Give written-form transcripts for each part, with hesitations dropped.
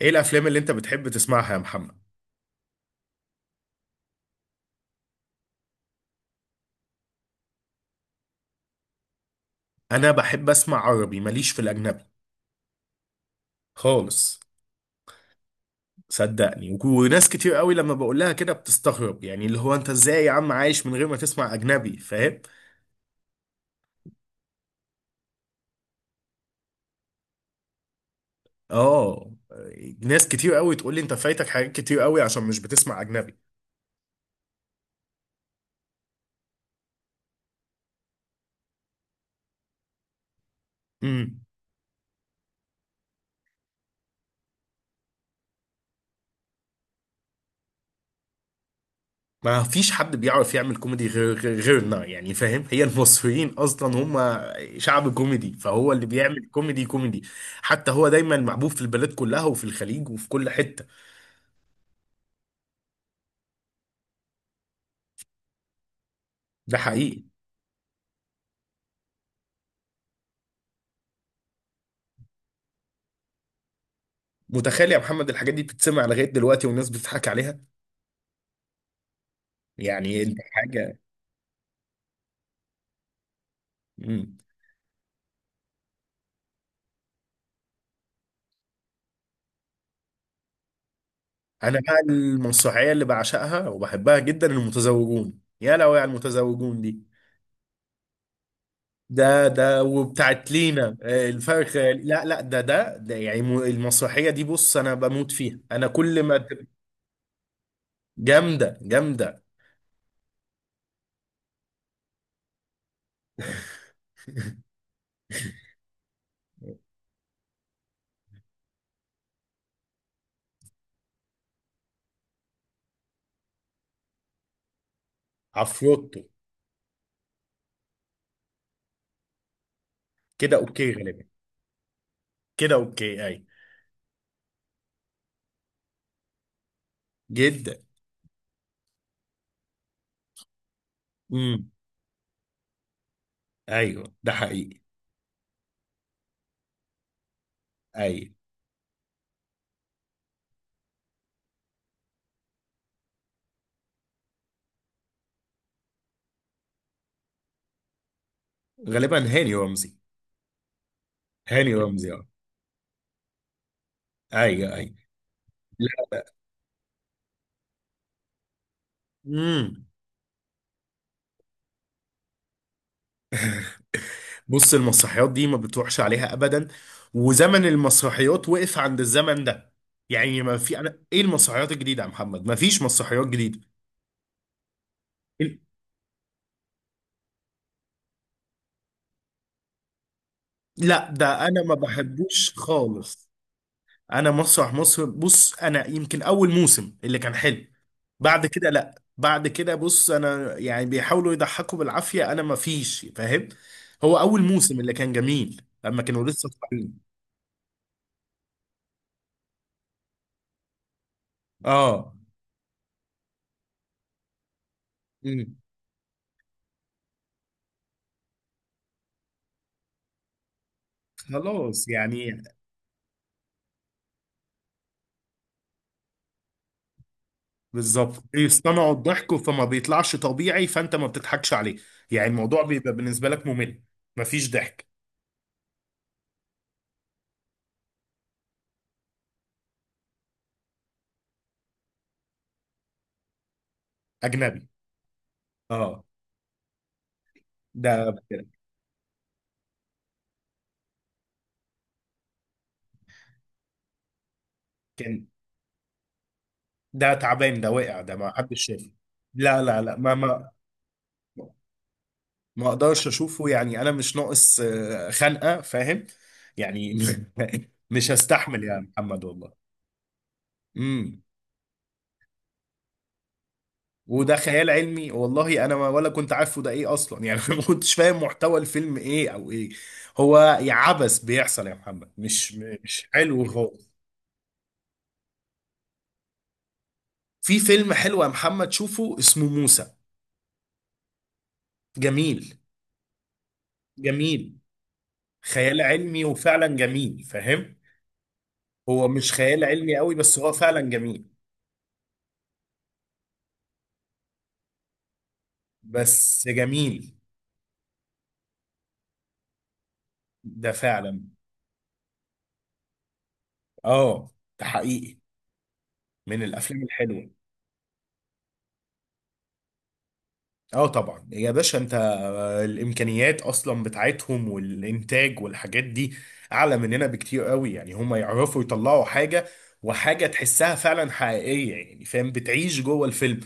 ايه الافلام اللي انت بتحب تسمعها يا محمد؟ انا بحب اسمع عربي، ماليش في الاجنبي خالص. صدقني وناس كتير قوي لما بقول لها كده بتستغرب، يعني اللي هو انت ازاي يا عم عايش من غير ما تسمع اجنبي، فاهم؟ اه. ناس كتير قوي تقول لي انت فايتك حاجات كتير قوي عشان مش بتسمع اجنبي. امم ما فيش حد بيعرف يعمل كوميدي غيرنا، يعني فاهم، هي المصريين اصلا هم شعب كوميدي، فهو اللي بيعمل كوميدي كوميدي. حتى هو دايما محبوب في البلاد كلها وفي الخليج وفي كل حتة. ده حقيقي. متخيل يا محمد الحاجات دي بتتسمع لغايه دلوقتي والناس بتضحك عليها؟ يعني انت حاجه. مم. انا بقى المنصوعيه اللي بعشقها وبحبها جدا، المتزوجون، يا لو على المتزوجون دي. ده وبتاعت لينا الفرخ، لا لا، ده يعني المسرحيه دي، بص انا بموت فيها، انا كل ما ت-. جامده جامده. عفروتو. كده اوكي غالبا. كده اوكي اي. جدا. امم. ايوه ده حقيقي. اي. غالبا هاني رمزي. هاني رمزي اه. ايوه ايوه. لا لا. امم. بص المسرحيات دي ما بتروحش عليها ابدا، وزمن المسرحيات وقف عند الزمن ده، يعني ما في، انا ايه المسرحيات الجديده يا محمد؟ ما فيش مسرحيات جديده. ال- لا ده انا ما بحبوش خالص. انا مسرح مصر، بص انا يمكن اول موسم اللي كان حلو، بعد كده لا، بعد كده بص انا يعني بيحاولوا يضحكوا بالعافيه، انا ما فيش، فاهم؟ هو اول موسم اللي كان جميل لما كانوا لسه طالعين. اه خلاص يعني. بالظبط بيصطنعوا الضحك فما بيطلعش طبيعي فانت ما بتضحكش عليه. يعني الموضوع بيبقى بالنسبه لك ممل، مفيش ضحك. اجنبي. اه. ده كان، ده تعبان، ده وقع، ده ما حدش شافه. لا لا لا، ما اقدرش اشوفه، يعني انا مش ناقص خنقه، فاهم؟ يعني مش هستحمل يا محمد والله. امم. وده خيال علمي، والله انا ولا كنت عارفه ده ايه اصلا، يعني ما كنتش فاهم محتوى الفيلم ايه او ايه. هو يا عبث بيحصل يا محمد، مش حلو خالص. في فيلم حلو يا محمد، شوفه، اسمه موسى. جميل. جميل، خيال علمي وفعلا جميل، فاهم. هو مش خيال علمي قوي بس هو فعلا جميل. بس جميل. ده فعلا. اه. ده حقيقي. من الافلام الحلوه. اه طبعا يا باشا، انت الامكانيات اصلا بتاعتهم والانتاج والحاجات دي اعلى مننا بكتير قوي، يعني هم يعرفوا يطلعوا حاجه وحاجه تحسها فعلا حقيقيه، يعني فاهم بتعيش جوه الفيلم.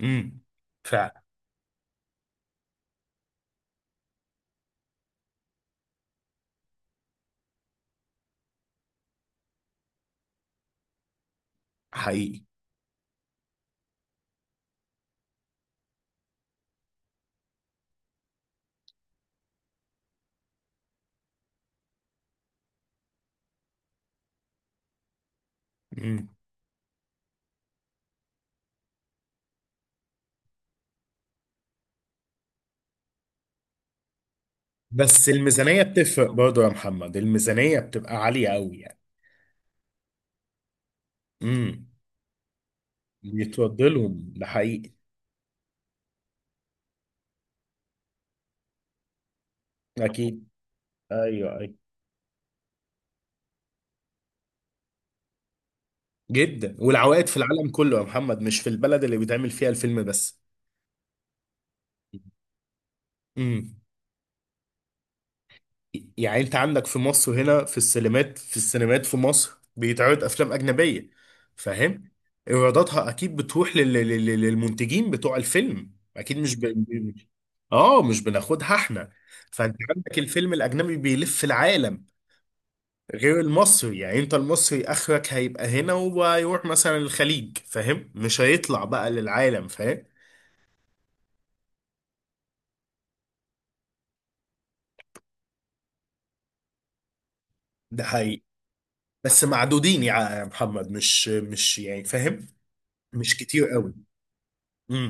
امم. فعلا. حقيقي. امم. بس الميزانيه بتفرق برضه يا محمد، الميزانيه بتبقى عاليه قوي يعني. امم. بيتوضلهم، ده حقيقي. اكيد. ايوه ايوه. جدا، والعوائد في العالم كله يا محمد، مش في البلد اللي بيتعمل فيها الفيلم بس. امم. يعني انت عندك في مصر هنا في السينمات، في السينمات في مصر بيتعرض افلام اجنبيه، فاهم، ايراداتها اكيد بتروح للمنتجين بتوع الفيلم، اكيد مش ب... ب-. اه مش بناخدها احنا. فانت عندك الفيلم الاجنبي بيلف العالم، غير المصري، يعني انت المصري اخرك هيبقى هنا وهيروح مثلا الخليج، فاهم، مش هيطلع بقى للعالم، فاهم. ده حقيقي. بس معدودين يا محمد، مش يعني فاهم، مش كتير. قوي.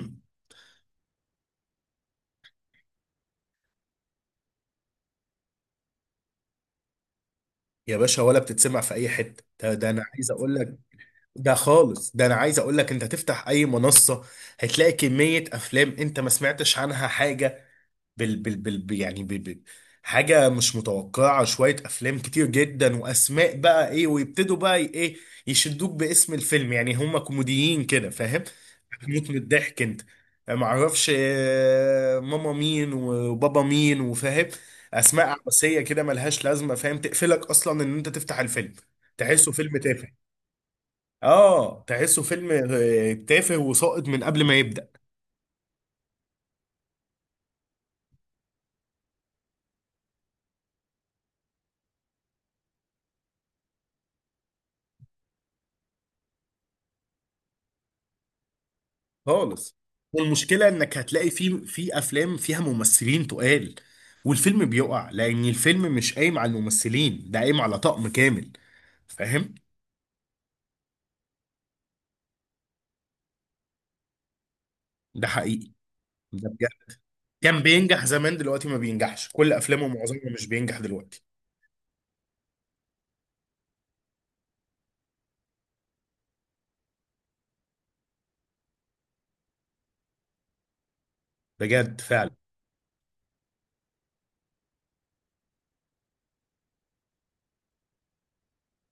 يا باشا ولا بتتسمع في اي حته، ده, ده انا عايز اقول لك. ده خالص، ده انا عايز اقول لك، انت تفتح اي منصه هتلاقي كميه افلام انت ما سمعتش عنها حاجه. بال بال بال ب- يعني بال بال حاجة مش متوقعة، شوية أفلام كتير جدا، وأسماء بقى إيه، ويبتدوا بقى إيه، يشدوك باسم الفيلم، يعني هما كوميديين كده، فاهم؟ هتموت من الضحك أنت. معرفش ماما مين وبابا مين وفاهم، أسماء عباسية كده ملهاش لازمة، فاهم، تقفلك أصلا إن أنت تفتح الفيلم. تحسه فيلم تافه. آه تحسه فيلم تافه وساقط من قبل ما يبدأ. خالص. والمشكله انك هتلاقي في افلام فيها ممثلين تقال، والفيلم بيقع لان الفيلم مش قايم على الممثلين، ده قايم على طقم كامل، فاهم. ده حقيقي. ده بجد. كان بينجح زمان، دلوقتي ما بينجحش، كل افلامه معظمها مش بينجح دلوقتي. بجد فعلا.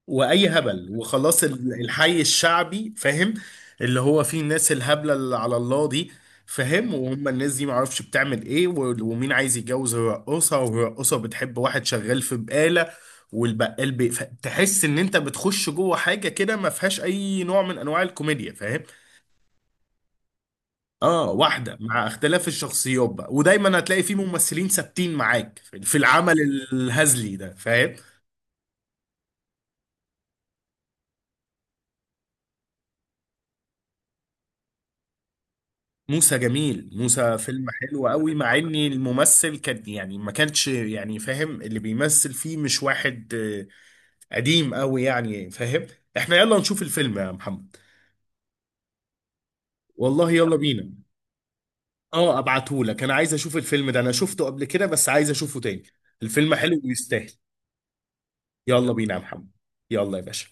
واي هبل وخلاص الحي الشعبي، فاهم. اللي هو فيه الناس الهبله اللي على الله دي، فاهم، وهم الناس دي معرفش بتعمل ايه، ومين عايز يتجوز الرقاصه، والرقاصه بتحب واحد شغال في بقاله، والبقال بي... ف-. تحس ان انت بتخش جوه حاجه كده ما فيهاش اي نوع من انواع الكوميديا، فاهم. اه واحده مع اختلاف الشخصيات بقى، ودايما هتلاقي فيه ممثلين ثابتين معاك في العمل الهزلي ده، فاهم. موسى جميل، موسى فيلم حلو قوي، مع ان الممثل كان يعني ما كانش يعني فاهم، اللي بيمثل فيه مش واحد آه،. قديم قوي يعني فاهم. احنا يلا نشوف الفيلم يا محمد. والله يلا بينا. اه ابعتهولك، انا عايز اشوف الفيلم ده، انا شفته قبل كده بس عايز اشوفه تاني. الفيلم حلو ويستاهل. يلا بينا يا محمد. يلا يا باشا.